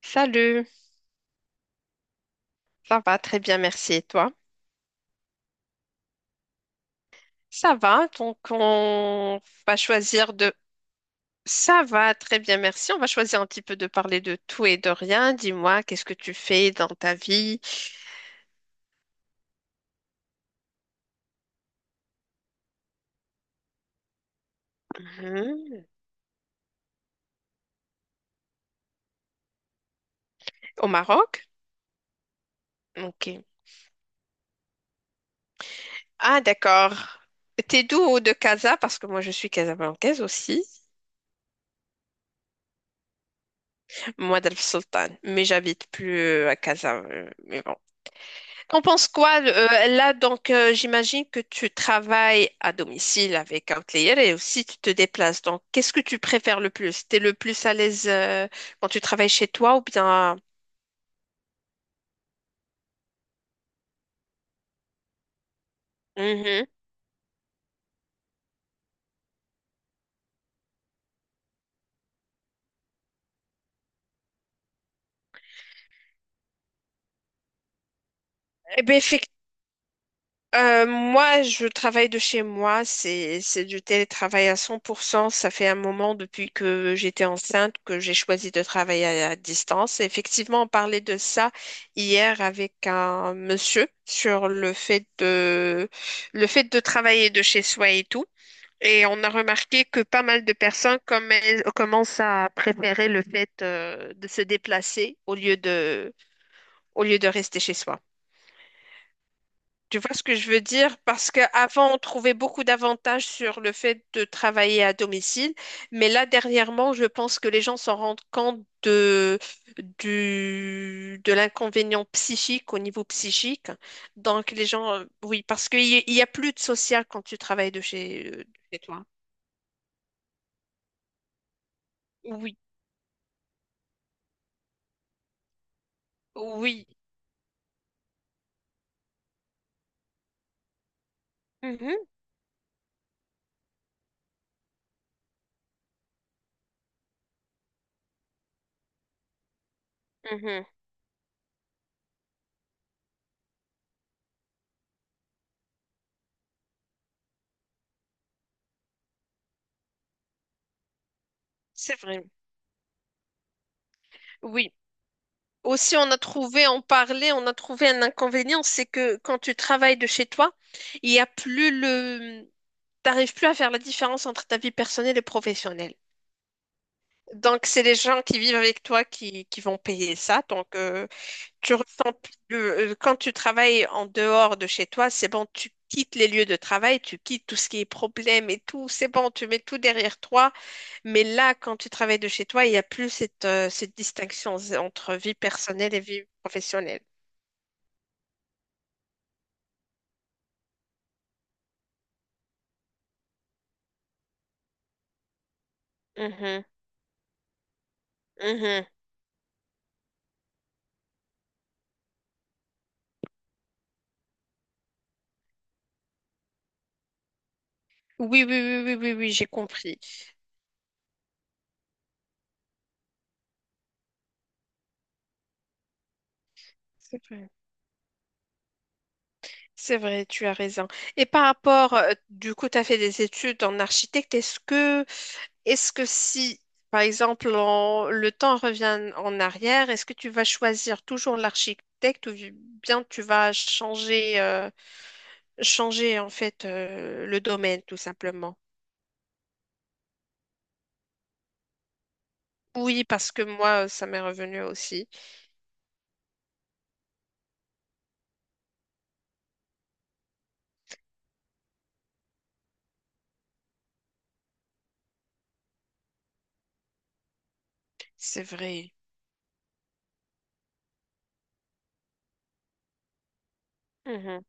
Salut, ça va très bien, merci. Et toi? Ça va, donc on va choisir de... Ça va très bien, merci. On va choisir un petit peu de parler de tout et de rien. Dis-moi, qu'est-ce que tu fais dans ta vie? Mhm. Au Maroc? Ok. Ah, d'accord. T'es d'où au de Casa? Parce que moi, je suis casablancaise aussi. Moi, d'El Sultan. Mais j'habite plus à Casa. Mais bon. T'en penses quoi là donc j'imagine que tu travailles à domicile avec un client et aussi tu te déplaces. Donc qu'est-ce que tu préfères le plus? T'es le plus à l'aise quand tu travailles chez toi ou bien Mhm. Eh ben, moi, je travaille de chez moi, c'est du télétravail à 100%. Ça fait un moment depuis que j'étais enceinte que j'ai choisi de travailler à distance. Et effectivement, on parlait de ça hier avec un monsieur sur le fait de travailler de chez soi et tout. Et on a remarqué que pas mal de personnes comme elles, commencent à préférer le fait de se déplacer au lieu de rester chez soi. Tu vois ce que je veux dire? Parce qu'avant, on trouvait beaucoup d'avantages sur le fait de travailler à domicile, mais là, dernièrement, je pense que les gens s'en rendent compte de, du, de l'inconvénient psychique au niveau psychique. Donc, les gens, oui, parce qu'il y, il y a plus de social quand tu travailles de chez toi. Oui, oui. Mhm, mhm. C'est vrai. Oui. Aussi, on a trouvé, on parlait, on a trouvé un inconvénient, c'est que quand tu travailles de chez toi, il y a plus le, t'arrives plus à faire la différence entre ta vie personnelle et professionnelle. Donc, c'est les gens qui vivent avec toi qui vont payer ça. Donc, tu ressens plus le- quand tu travailles en dehors de chez toi, c'est bon, tu quittes les lieux de travail, tu quittes tout ce qui est problème et tout, c'est bon, tu mets tout derrière toi. Mais là, quand tu travailles de chez toi, il n'y a plus cette, cette distinction entre vie personnelle et vie professionnelle. Mhm, mhm. Oui, oui, oui, oui, oui, oui, j'ai compris. C'est vrai. C'est vrai, tu as raison. Et par rapport, du coup, tu as fait des études en architecte. Est-ce que si, par exemple, en- le temps revient en arrière, est-ce que tu vas choisir toujours l'architecte ou bien tu vas changer, changer en fait le domaine, tout simplement? Oui, parce que moi, ça m'est revenu aussi. C'est vrai. Mhm.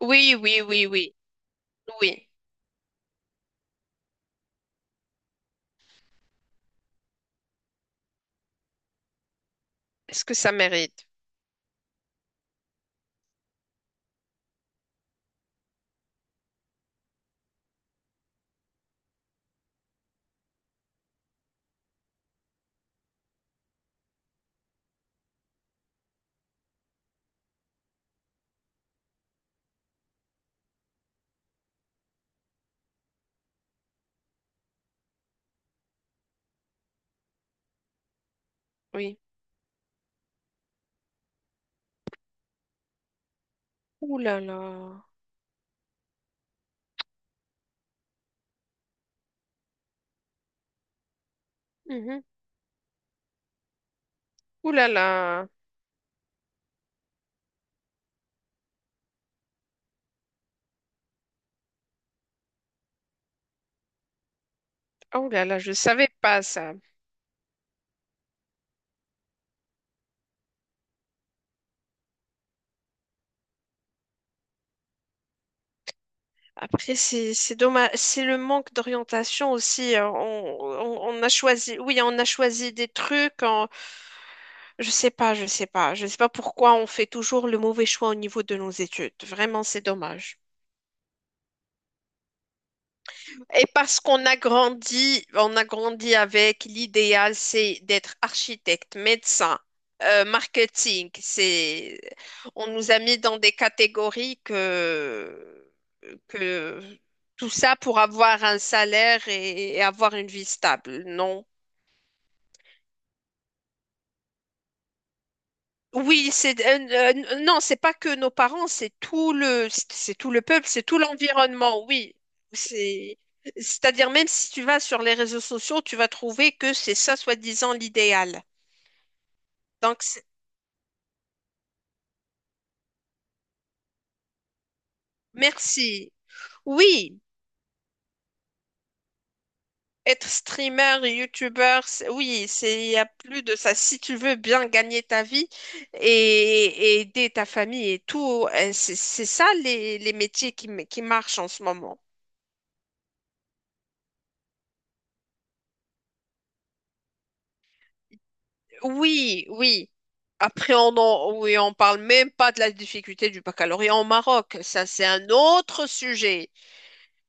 Oui, oui, oui, oui, oui. Est-ce que ça mérite? Oui. Ouh là là. Mhm. Ouh là là. Ah, Ouh là là, je savais pas ça. Après, c'est dommage, c'est le manque d'orientation aussi, hein. On a choisi, oui, on a choisi des trucs. En- Je sais pas, je sais pas, je sais pas pourquoi on fait toujours le mauvais choix au niveau de nos études. Vraiment, c'est dommage. Et parce qu'on a grandi, on a grandi avec l'idéal, c'est d'être architecte, médecin, marketing. C'est, on nous a mis dans des catégories que tout ça pour avoir un salaire et avoir une vie stable. Non, Oui, c'est non, c'est pas que nos parents, c'est tout le peuple, c'est tout l'environnement. Oui, c'est c'est-à-dire même si tu vas sur les réseaux sociaux, tu vas trouver que c'est ça soi-disant l'idéal. Donc c'est- merci. Oui, être streamer, youtubeur, c'est- oui, c'est il y a plus de ça. Si tu veux bien gagner ta vie et, et aider ta famille et tout, c'est ça les métiers qui m- qui marchent en ce moment. Oui, oui. Après, on en, oui, on parle même pas de la difficulté du baccalauréat au Maroc. Ça, c'est un autre sujet.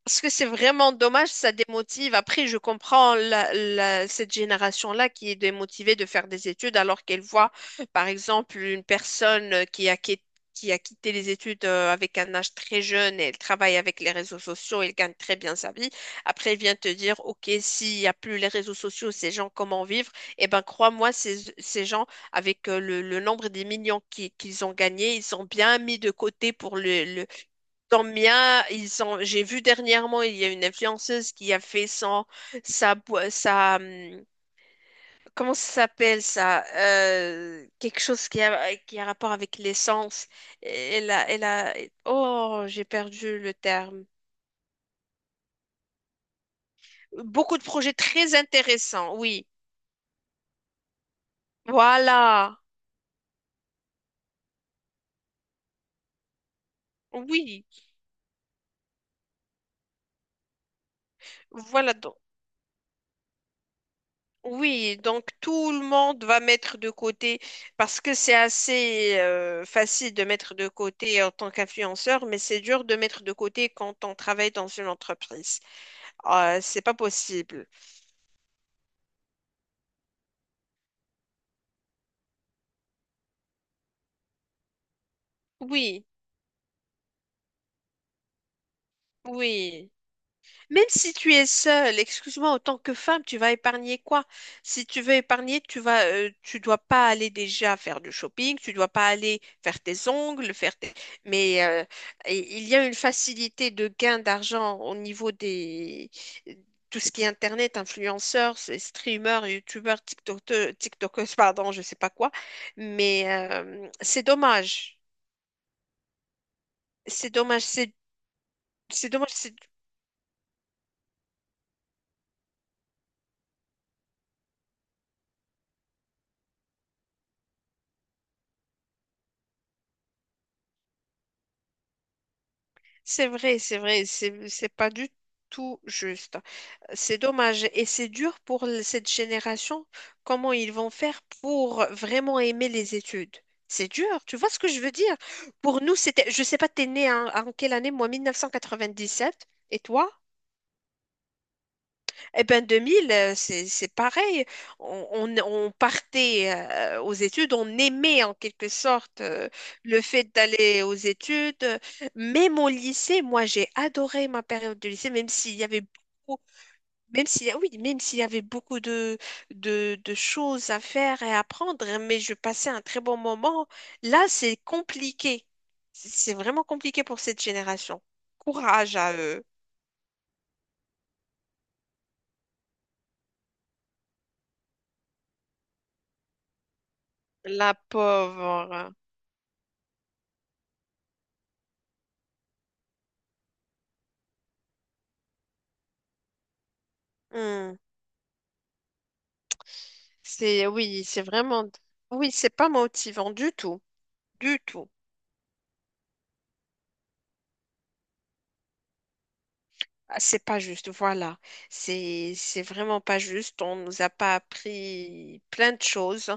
Parce que c'est vraiment dommage, ça démotive. Après, je comprends la- la- cette génération-là qui est démotivée de faire des études alors qu'elle voit, par exemple, une personne qui a, qui- qui a quitté les études avec un âge très jeune et elle travaille avec les réseaux sociaux, elle gagne très bien sa vie. Après, elle vient te dire, OK, s'il n'y a plus les réseaux sociaux, ces gens, comment vivre? Eh ben, crois-moi, ces, ces gens, avec le nombre des millions qui- qu'ils ont gagnés, ils ont bien mis de côté pour le. Le- Tant bien, ils ont, j'ai vu dernièrement, il y a une influenceuse qui a fait son, sa, bo- sa, comment ça s'appelle ça? Quelque chose qui a rapport avec l'essence. Elle a, elle a, oh, j'ai perdu le terme. Beaucoup de projets très intéressants, oui. Voilà, oui, voilà. Oui, donc tout le monde va mettre de côté parce que c'est assez facile de mettre de côté en tant qu'influenceur, mais c'est dur de mettre de côté quand on travaille dans une entreprise. C'est pas possible. Oui, oui. Même si tu es seule, excuse-moi, en tant que femme, tu vas épargner quoi? Si tu veux épargner, tu vas, tu dois pas aller déjà faire du shopping, tu dois pas aller faire tes ongles, faire tes... Mais et- il y a une facilité de gain d'argent au niveau des tout ce qui est internet, influenceurs, c'est streamers, youtubeurs, tiktokers, tiktokers, pardon, je sais pas quoi. Mais c'est dommage, c'est dommage, c'est dommage, c'est vrai, c'est vrai, c'est pas du tout juste. C'est dommage et c'est dur pour l- cette génération. Comment ils vont faire pour vraiment aimer les études? C'est dur, tu vois ce que je veux dire? Pour nous, c'était, je sais pas, t'es né en, en quelle année? Moi, 1997. Et toi? Eh ben 2000, c'est pareil. On, on partait aux études, on aimait en quelque sorte le fait d'aller aux études. Même au lycée, moi j'ai adoré ma période de lycée, même s'il y avait beaucoup, même s'il y a- oui, même s'il y avait beaucoup de choses à faire et à apprendre, mais je passais un très bon moment. Là, c'est compliqué. C'est vraiment compliqué pour cette génération. Courage à eux, la pauvre. Hmm. C'est oui, c'est vraiment oui, c'est pas motivant du tout, du tout. Ah, c'est pas juste, voilà. C'est vraiment pas juste. On nous a pas appris plein de choses.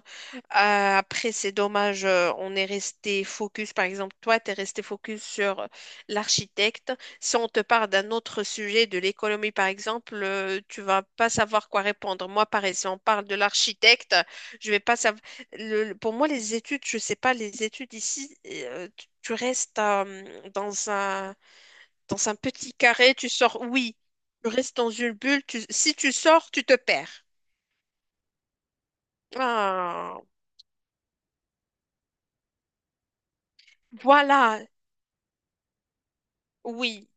Après, c'est dommage. On est resté focus. Par exemple, toi, tu es resté focus sur l'architecte. Si on te parle d'un autre sujet, de l'économie, par exemple, tu vas pas savoir quoi répondre. Moi, pareil, si on parle de l'architecte, je vais pas savoir. Le- pour moi, les études, je sais pas, les études ici, tu tu restes dans un petit carré, tu sors, oui. Tu restes dans une bulle. Tu- Si tu sors, tu te perds. Ah, voilà. Oui,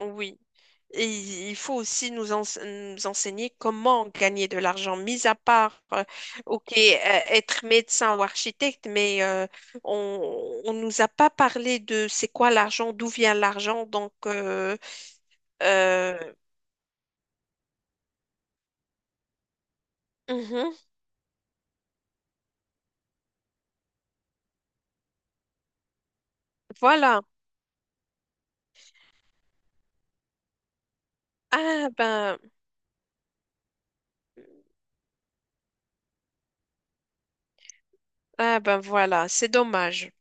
oui. Et il faut aussi nous, ense- nous enseigner comment gagner de l'argent, mis à part, ok, être médecin ou architecte, mais on nous a pas parlé de c'est quoi l'argent, d'où vient l'argent, donc euh, mhm, voilà. Ah ben, ah ben voilà, c'est dommage.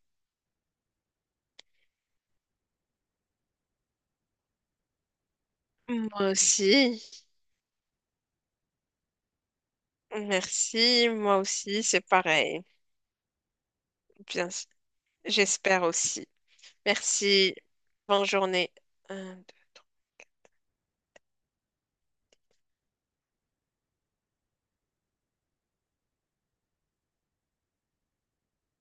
Moi aussi. Merci. Moi aussi, c'est pareil. Bien, s- j'espère aussi. Merci. Bonne journée. Un, deux,